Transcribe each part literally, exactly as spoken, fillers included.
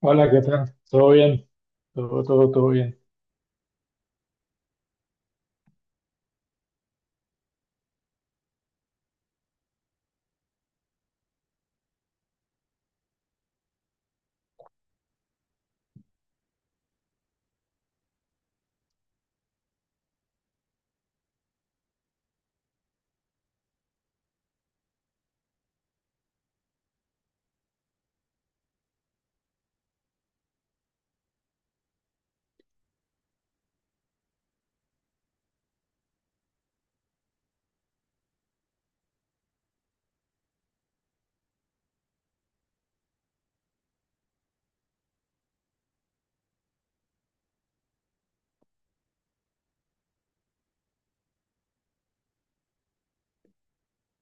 Hola, ¿qué tal? ¿Todo bien? Todo, todo, todo bien.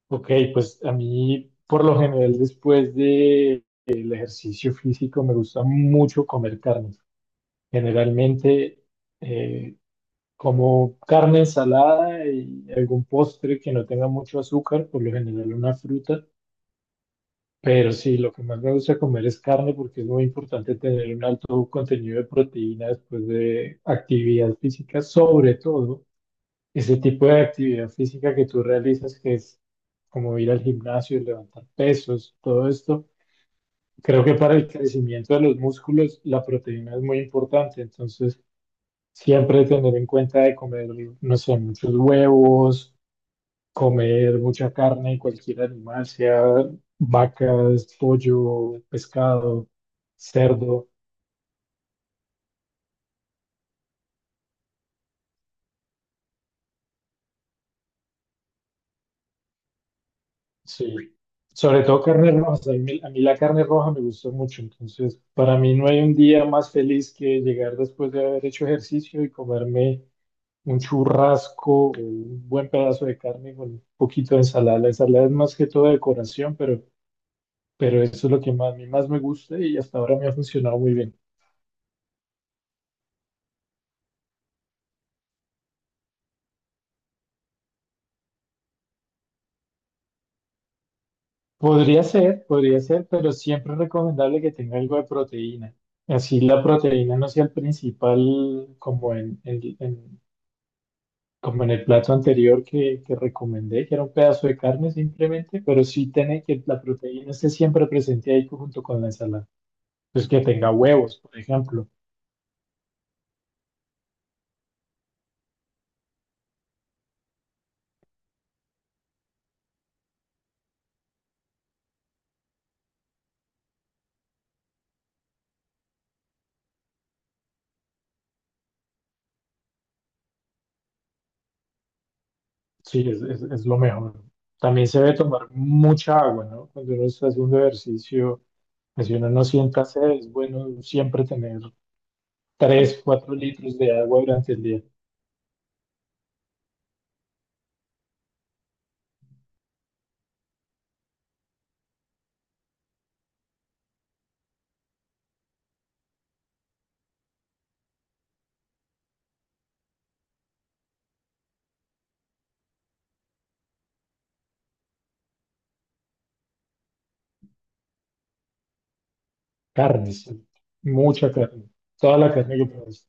Ok, pues a mí por lo general después del ejercicio físico me gusta mucho comer carne. Generalmente eh, como carne ensalada y algún postre que no tenga mucho azúcar, por lo general una fruta. Pero sí, lo que más me gusta comer es carne porque es muy importante tener un alto contenido de proteína después de actividad física, sobre todo ese tipo de actividad física que tú realizas, que es como ir al gimnasio, levantar pesos, todo esto. Creo que para el crecimiento de los músculos la proteína es muy importante, entonces siempre tener en cuenta de comer, no sé, muchos huevos, comer mucha carne, cualquier animal, sea vacas, pollo, pescado, cerdo, sí. Sobre todo carne roja, a mí, a mí la carne roja me gusta mucho, entonces para mí no hay un día más feliz que llegar después de haber hecho ejercicio y comerme un churrasco, o un buen pedazo de carne con un poquito de ensalada. La ensalada es más que todo decoración, pero pero eso es lo que más, a mí más me gusta y hasta ahora me ha funcionado muy bien. Podría ser, podría ser, pero siempre es recomendable que tenga algo de proteína. Así la proteína no sea el principal como en, en- en- como en el plato anterior que, que recomendé, que era un pedazo de carne simplemente, pero sí tiene que la proteína esté siempre presente ahí junto con la ensalada. Pues que tenga huevos, por ejemplo. Sí, es, es es lo mejor. También se debe tomar mucha agua, ¿no? Cuando uno está haciendo ejercicio, pues si uno no sienta sed, es bueno siempre tener tres, cuatro litros de agua durante el día. Carne, sí. Mucha carne. Toda la carne que puedas.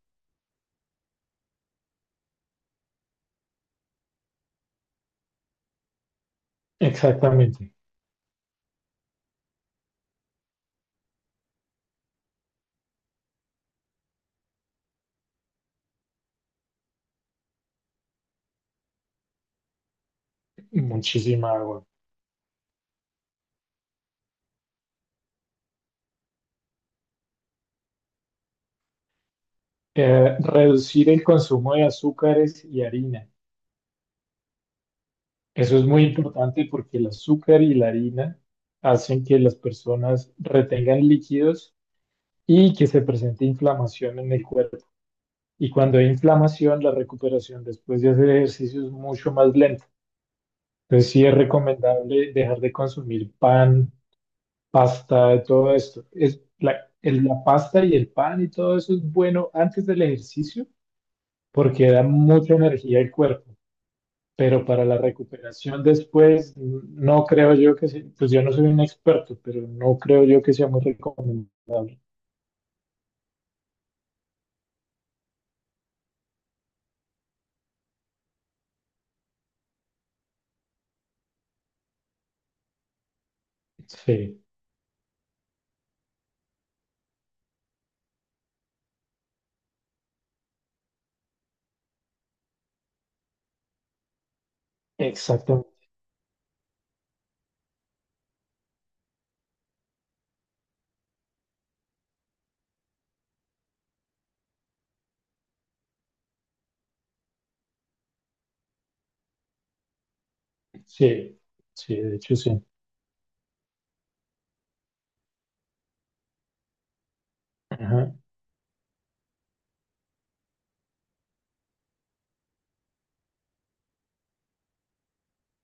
Exactamente. Muchísima agua. Eh, reducir el consumo de azúcares y harina. Eso es muy importante porque el azúcar y la harina hacen que las personas retengan líquidos y que se presente inflamación en el cuerpo. Y cuando hay inflamación, la recuperación después de hacer ejercicio es mucho más lenta. Entonces sí es recomendable dejar de consumir pan, pasta, todo esto. Es la, el- la pasta y el pan y todo eso es bueno antes del ejercicio porque da mucha energía al cuerpo, pero para la recuperación después n- no creo yo que sea, pues yo no soy un experto, pero no creo yo que sea muy recomendable. Sí, exactamente. Sí, sí, de hecho sí. Ajá.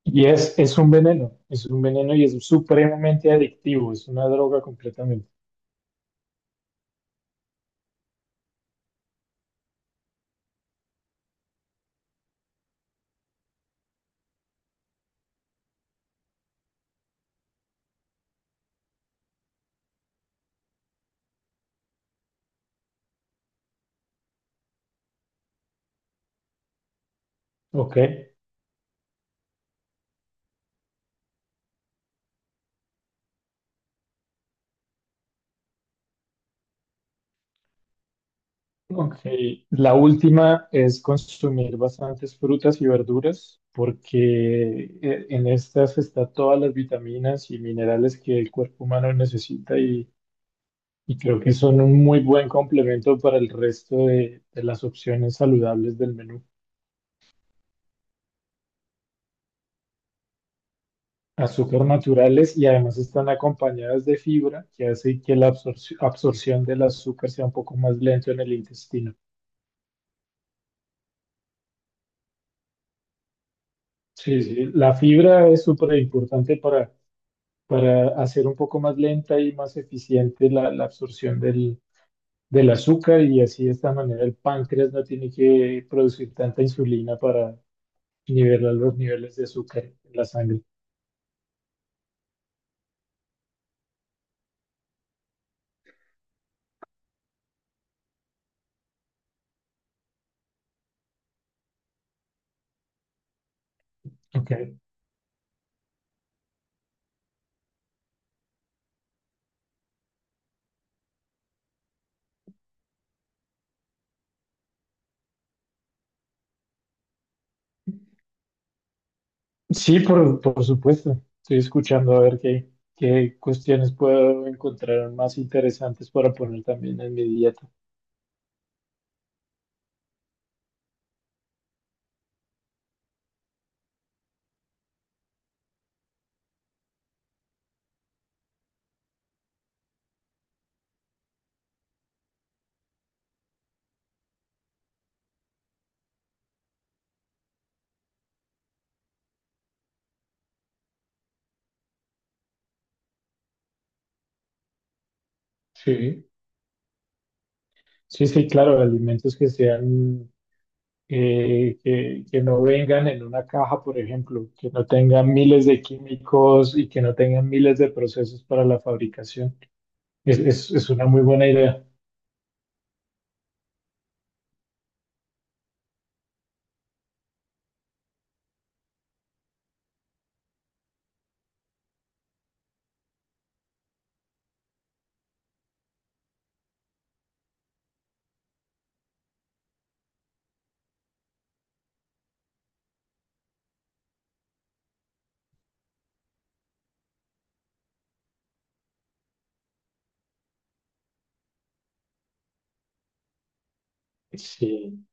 Y es, es un veneno, es un veneno y es supremamente adictivo, es una droga completamente. Ok, ok. La última es consumir bastantes frutas y verduras porque eh, en estas está todas las vitaminas y minerales que el cuerpo humano necesita y, y creo que son un muy buen complemento para el resto de, de las opciones saludables del menú. Azúcar naturales y además están acompañadas de fibra que hace que la absorci- absorción del azúcar sea un poco más lento en el intestino. Sí, sí, la fibra es súper importante para para hacer un poco más lenta y más eficiente la, la absorción del, del azúcar y así de esta manera el páncreas no tiene que producir tanta insulina para nivelar los niveles de azúcar en la sangre. Ok. Sí, por, por supuesto. Estoy escuchando a ver qué, qué cuestiones puedo encontrar más interesantes para poner también en mi dieta. Sí. Sí, sí, claro, alimentos que sean eh, que, que no vengan en una caja, por ejemplo, que no tengan miles de químicos y que no tengan miles de procesos para la fabricación. Es, es, es una muy buena idea. Sí.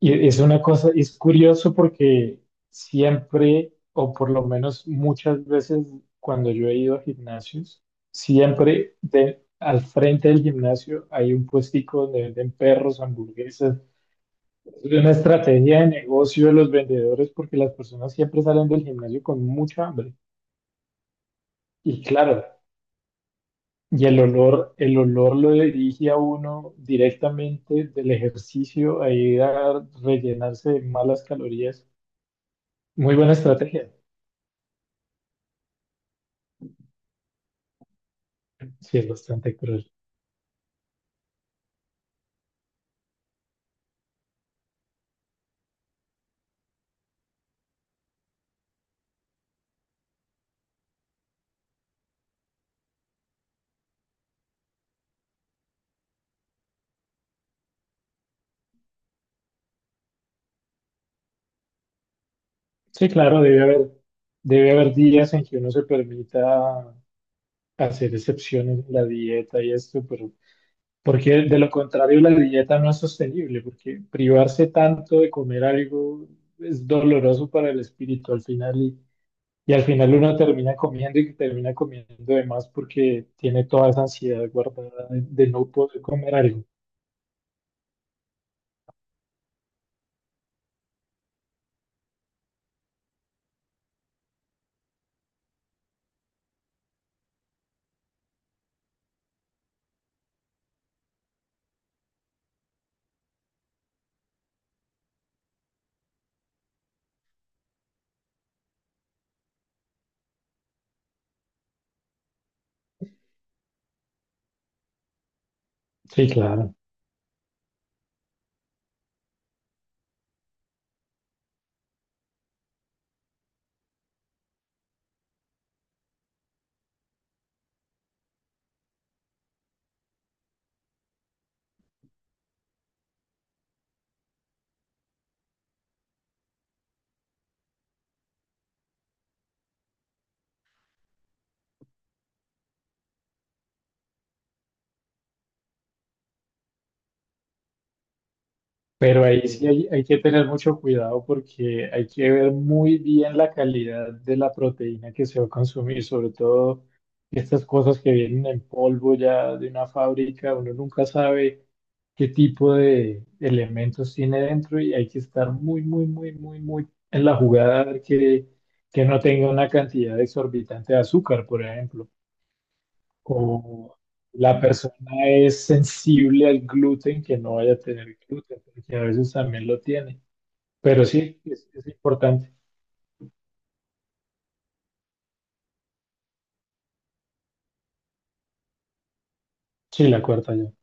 Y es una cosa, es curioso porque siempre, o por lo menos muchas veces cuando yo he ido a gimnasios, siempre de- al frente del gimnasio hay un puestico donde venden perros, hamburguesas. Es una estrategia de negocio de los vendedores porque las personas siempre salen del gimnasio con mucha hambre. Y claro, y el olor, el olor lo dirige a uno directamente del ejercicio a ir a rellenarse de malas calorías. Muy buena estrategia. Sí, es bastante cruel. Sí, claro, debe haber, debe haber días en que uno se permita hacer excepciones en la dieta y esto, pero porque de lo contrario la dieta no es sostenible, porque privarse tanto de comer algo es doloroso para el espíritu al final y, y al final uno termina comiendo y termina comiendo de más porque tiene toda esa ansiedad guardada de, de no poder comer algo. Sí, claro. Pero ahí sí hay, hay que tener mucho cuidado porque hay que ver muy bien la calidad de la proteína que se va a consumir, sobre todo estas cosas que vienen en polvo ya de una fábrica, uno nunca sabe qué tipo de elementos tiene dentro y hay que estar muy, muy, muy, muy, muy en la jugada a ver que, que no tenga una cantidad exorbitante de azúcar, por ejemplo o la persona es sensible al gluten, que no vaya a tener gluten, porque a veces también lo tiene. Pero sí, es, es importante. Sí, la cuarta yo.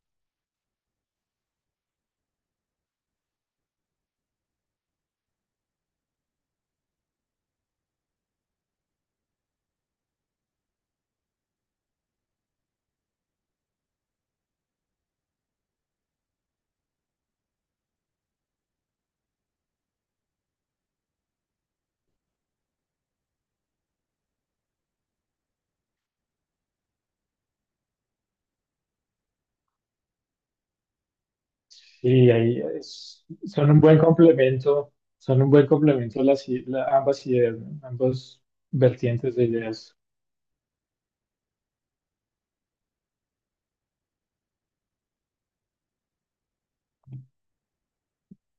Sí, ahí es- son un buen complemento, son un buen complemento las, i- la- ambas ideas, ¿no? Ambos vertientes de ideas.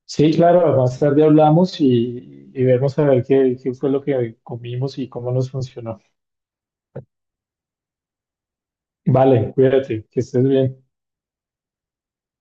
Sí, claro, más tarde hablamos y, y vemos a ver qué, qué fue lo que comimos y cómo nos funcionó. Vale, cuídate, que estés bien.